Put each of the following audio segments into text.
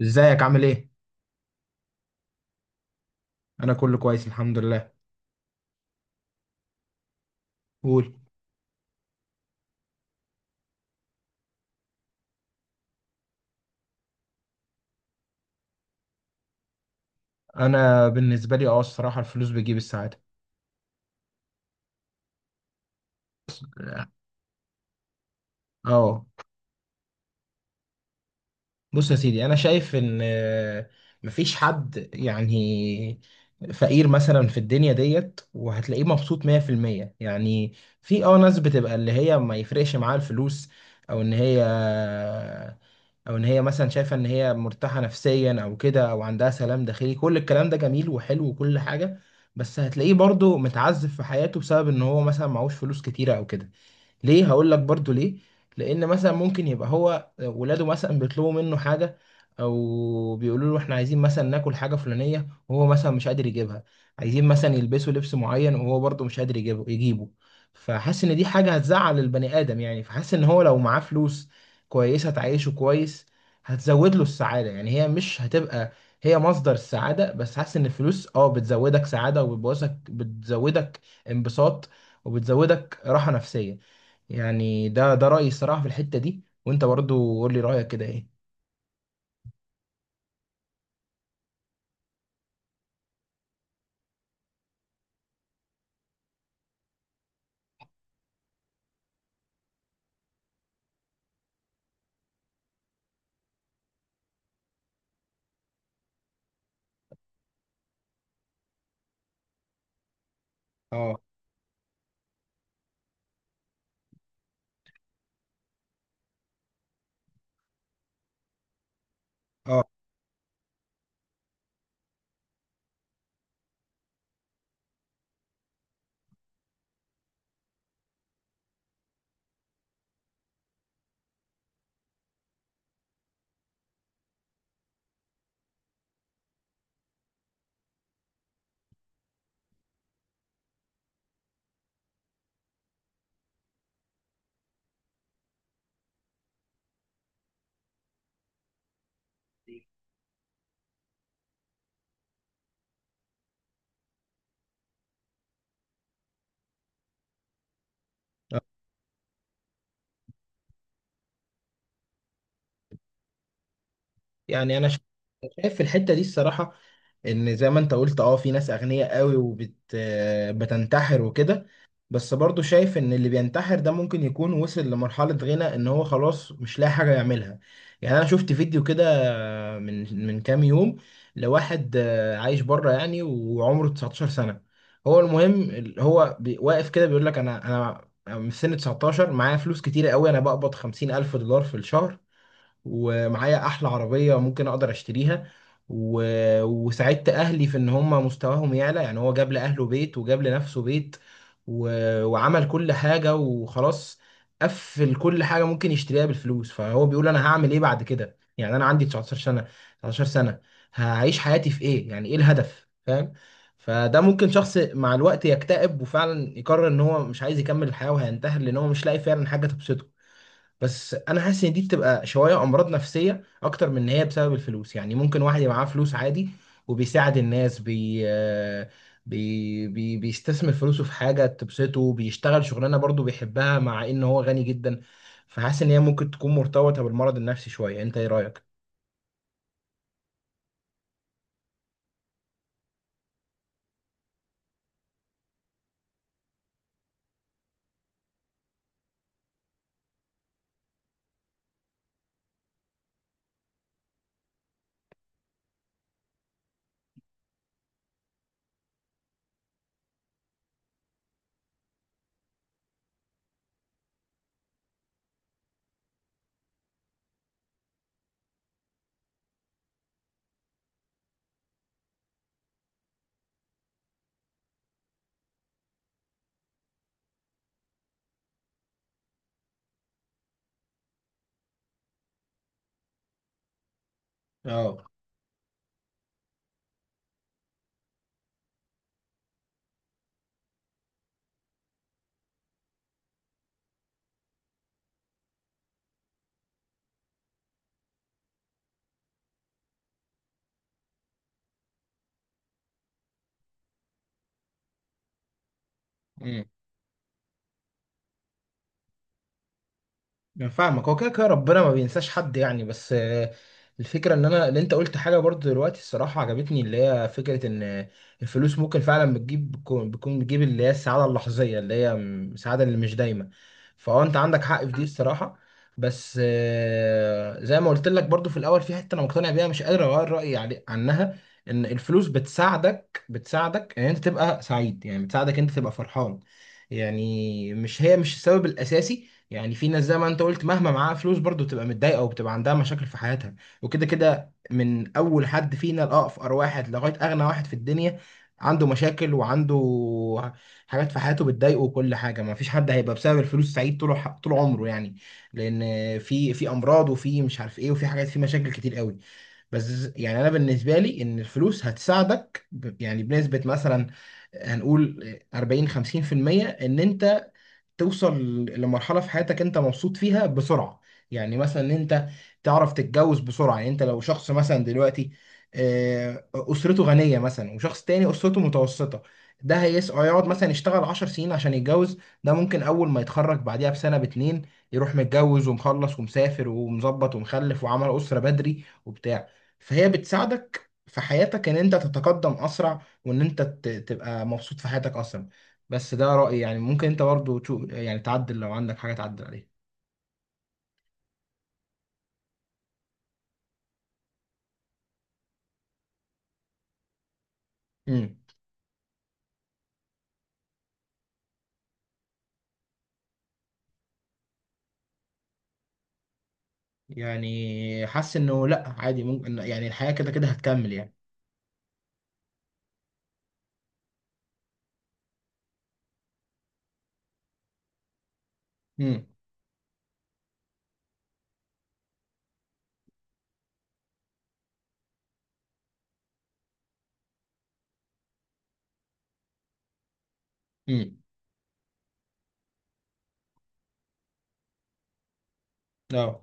ازيك عامل ايه؟ انا كله كويس، الحمد لله. قول. انا بالنسبه لي، الصراحه الفلوس بتجيب السعاده. اه. بص يا سيدي، انا شايف ان مفيش حد، يعني فقير مثلا في الدنيا ديت، وهتلاقيه مبسوط 100%، يعني في ناس بتبقى اللي هي ما يفرقش معاها الفلوس، او ان هي او ان هي مثلا شايفه ان هي مرتاحه نفسيا او كده، او عندها سلام داخلي، كل الكلام ده جميل وحلو وكل حاجه. بس هتلاقيه برضه متعذب في حياته بسبب ان هو مثلا معهوش فلوس كتيره او كده. ليه؟ هقول لك برضو ليه. لان مثلا ممكن يبقى هو ولاده مثلا بيطلبوا منه حاجه، او بيقولوا له احنا عايزين مثلا ناكل حاجه فلانيه، وهو مثلا مش قادر يجيبها. عايزين مثلا يلبسوا لبس معين، وهو برضو مش قادر يجيبه. فحاسس ان دي حاجه هتزعل البني ادم، يعني فحاسس ان هو لو معاه فلوس كويسه تعيشه كويس، هتزود له السعاده. يعني هي مش هتبقى هي مصدر السعاده، بس حاسس ان الفلوس بتزودك سعاده، وبتبوظك بتزودك انبساط، وبتزودك راحه نفسيه. يعني ده رأيي الصراحة في الحتة دي، وانت برضو قول لي رأيك كده ايه. اه. اه. آه. يعني انا شايف في الحته دي الصراحه، ان زي ما انت قلت، اه في ناس اغنياء قوي وبت آه، بتنتحر وكده. بس برضو شايف ان اللي بينتحر ده ممكن يكون وصل لمرحلة غنى، ان هو خلاص مش لاقي حاجة يعملها. يعني انا شفت فيديو كده من كام يوم، لواحد عايش بره يعني، وعمره 19 سنة. هو المهم واقف كده بيقول لك انا من سن 19، معايا فلوس كتيرة قوي، انا بقبض 50 الف دولار في الشهر، ومعايا احلى عربية ممكن اقدر اشتريها. و... وساعدت اهلي في ان هم مستواهم يعلى، يعني هو جاب لاهله بيت وجاب لنفسه بيت. و... وعمل كل حاجة، وخلاص قفل كل حاجة ممكن يشتريها بالفلوس. فهو بيقول انا هعمل ايه بعد كده، يعني انا عندي 19 سنة، 19 سنة، هعيش حياتي في ايه، يعني ايه الهدف، فاهم؟ فده ممكن شخص مع الوقت يكتئب، وفعلا يقرر ان هو مش عايز يكمل الحياة وهينتحر، لان هو مش لاقي فعلا حاجة تبسطه. بس انا حاسس ان دي بتبقى شويه امراض نفسيه اكتر من ان هي بسبب الفلوس، يعني ممكن واحد يبقى معاه فلوس عادي، وبيساعد الناس بي بي بي بيستثمر فلوسه في حاجه تبسطه، بيشتغل شغلانه برضه بيحبها، مع ان هو غني جدا. فحاسس ان هي ممكن تكون مرتبطه بالمرض النفسي شويه، انت ايه رايك؟ اه. انا فاهمك، هو كده كده ربنا ما بينساش حد يعني، بس الفكره ان انا اللي انت قلت حاجه برضو دلوقتي الصراحه عجبتني، اللي هي فكره ان الفلوس ممكن فعلا بتجيب بتكون بتكون بتجيب اللي هي السعاده اللحظيه، اللي هي السعاده اللي مش دايمه. فهو انت عندك حق في دي الصراحه. بس زي ما قلت لك برضو في الاول، في حته انا مقتنع بيها مش قادر اغير رايي علي عنها، ان الفلوس بتساعدك ان انت تبقى سعيد، يعني بتساعدك انت تبقى فرحان. يعني مش هي مش السبب الاساسي، يعني في ناس زي ما انت قلت مهما معاها فلوس برضو بتبقى متضايقه، وبتبقى عندها مشاكل في حياتها. وكده كده من اول حد فينا لاقفر واحد، لغايه اغنى واحد في الدنيا، عنده مشاكل وعنده حاجات في حياته بتضايقه وكل حاجه. ما فيش حد هيبقى بسبب الفلوس سعيد طول طول عمره يعني، لان في امراض، وفي مش عارف ايه، وفي حاجات في مشاكل كتير قوي. بس يعني انا بالنسبه لي، ان الفلوس هتساعدك يعني بنسبه مثلا هنقول 40 50% ان انت توصل لمرحلة في حياتك انت مبسوط فيها بسرعة. يعني مثلا ان انت تعرف تتجوز بسرعة، يعني انت لو شخص مثلا دلوقتي اسرته غنية مثلا، وشخص تاني اسرته متوسطة، ده هيقعد مثلا يشتغل 10 سنين عشان يتجوز. ده ممكن اول ما يتخرج بعديها بسنة باتنين، يروح متجوز ومخلص ومسافر ومظبط ومخلف وعمل أسرة بدري وبتاع. فهي بتساعدك في حياتك ان انت تتقدم اسرع، وان انت تبقى مبسوط في حياتك اسرع. بس ده رأيي، يعني ممكن انت برضو تشوف، يعني تعدل لو عندك حاجة تعدل عليها. امم. يعني حاسس انه لا عادي، ممكن يعني الحياة كده كده هتكمل يعني. امم. امم. اه.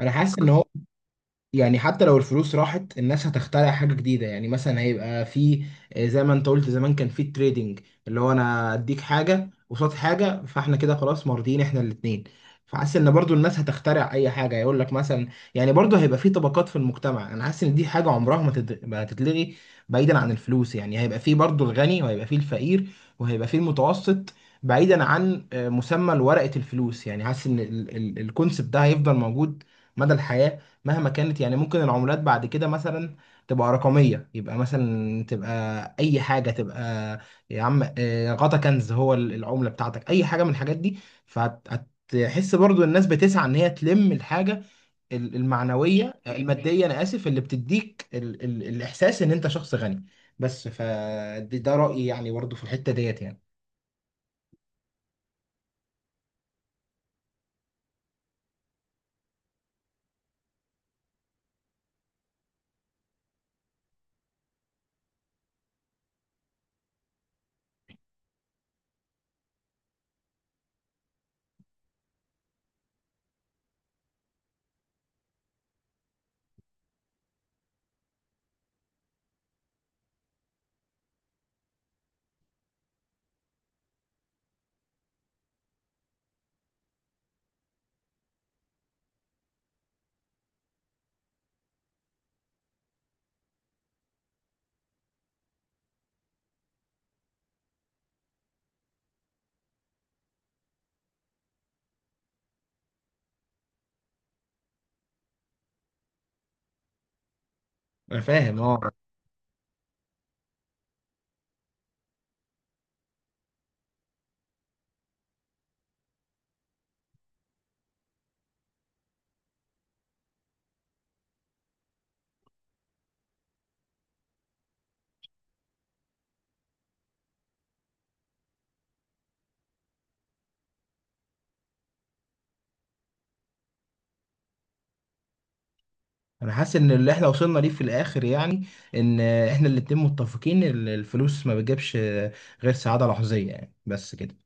انا حاسس ان يعني حتى لو الفلوس راحت، الناس هتخترع حاجة جديدة، يعني مثلا هيبقى في زي ما انت قلت زمان كان في التريدنج، اللي هو انا اديك حاجة قصاد حاجة، فاحنا كده خلاص مرضيين احنا الاتنين. فحاسس ان برضو الناس هتخترع اي حاجة يقول لك مثلا، يعني برضو هيبقى في طبقات في المجتمع، انا حاسس ان دي حاجة عمرها ما هتتلغي. بعيدا عن الفلوس، يعني هيبقى في برضو الغني، وهيبقى في الفقير، وهيبقى في المتوسط. بعيدا عن مسمى ورقة الفلوس، يعني حاسس ان الكونسبت ده هيفضل موجود مدى الحياة. مهما كانت، يعني ممكن العملات بعد كده مثلا تبقى رقمية، يبقى مثلا تبقى أي حاجة تبقى يا عم، غطا كنز، هو العملة بتاعتك، أي حاجة من الحاجات دي. فهتحس برضو الناس بتسعى إن هي تلم الحاجة المعنوية المادية، أنا آسف، اللي بتديك ال ال الإحساس إن أنت شخص غني. بس فده رأيي، يعني برضو في الحتة ديت يعني. أنا فاهم، أه. انا حاسس ان اللي احنا وصلنا ليه في الاخر، يعني ان احنا الاتنين متفقين ان الفلوس ما بتجيبش غير سعادة لحظية، يعني بس كده.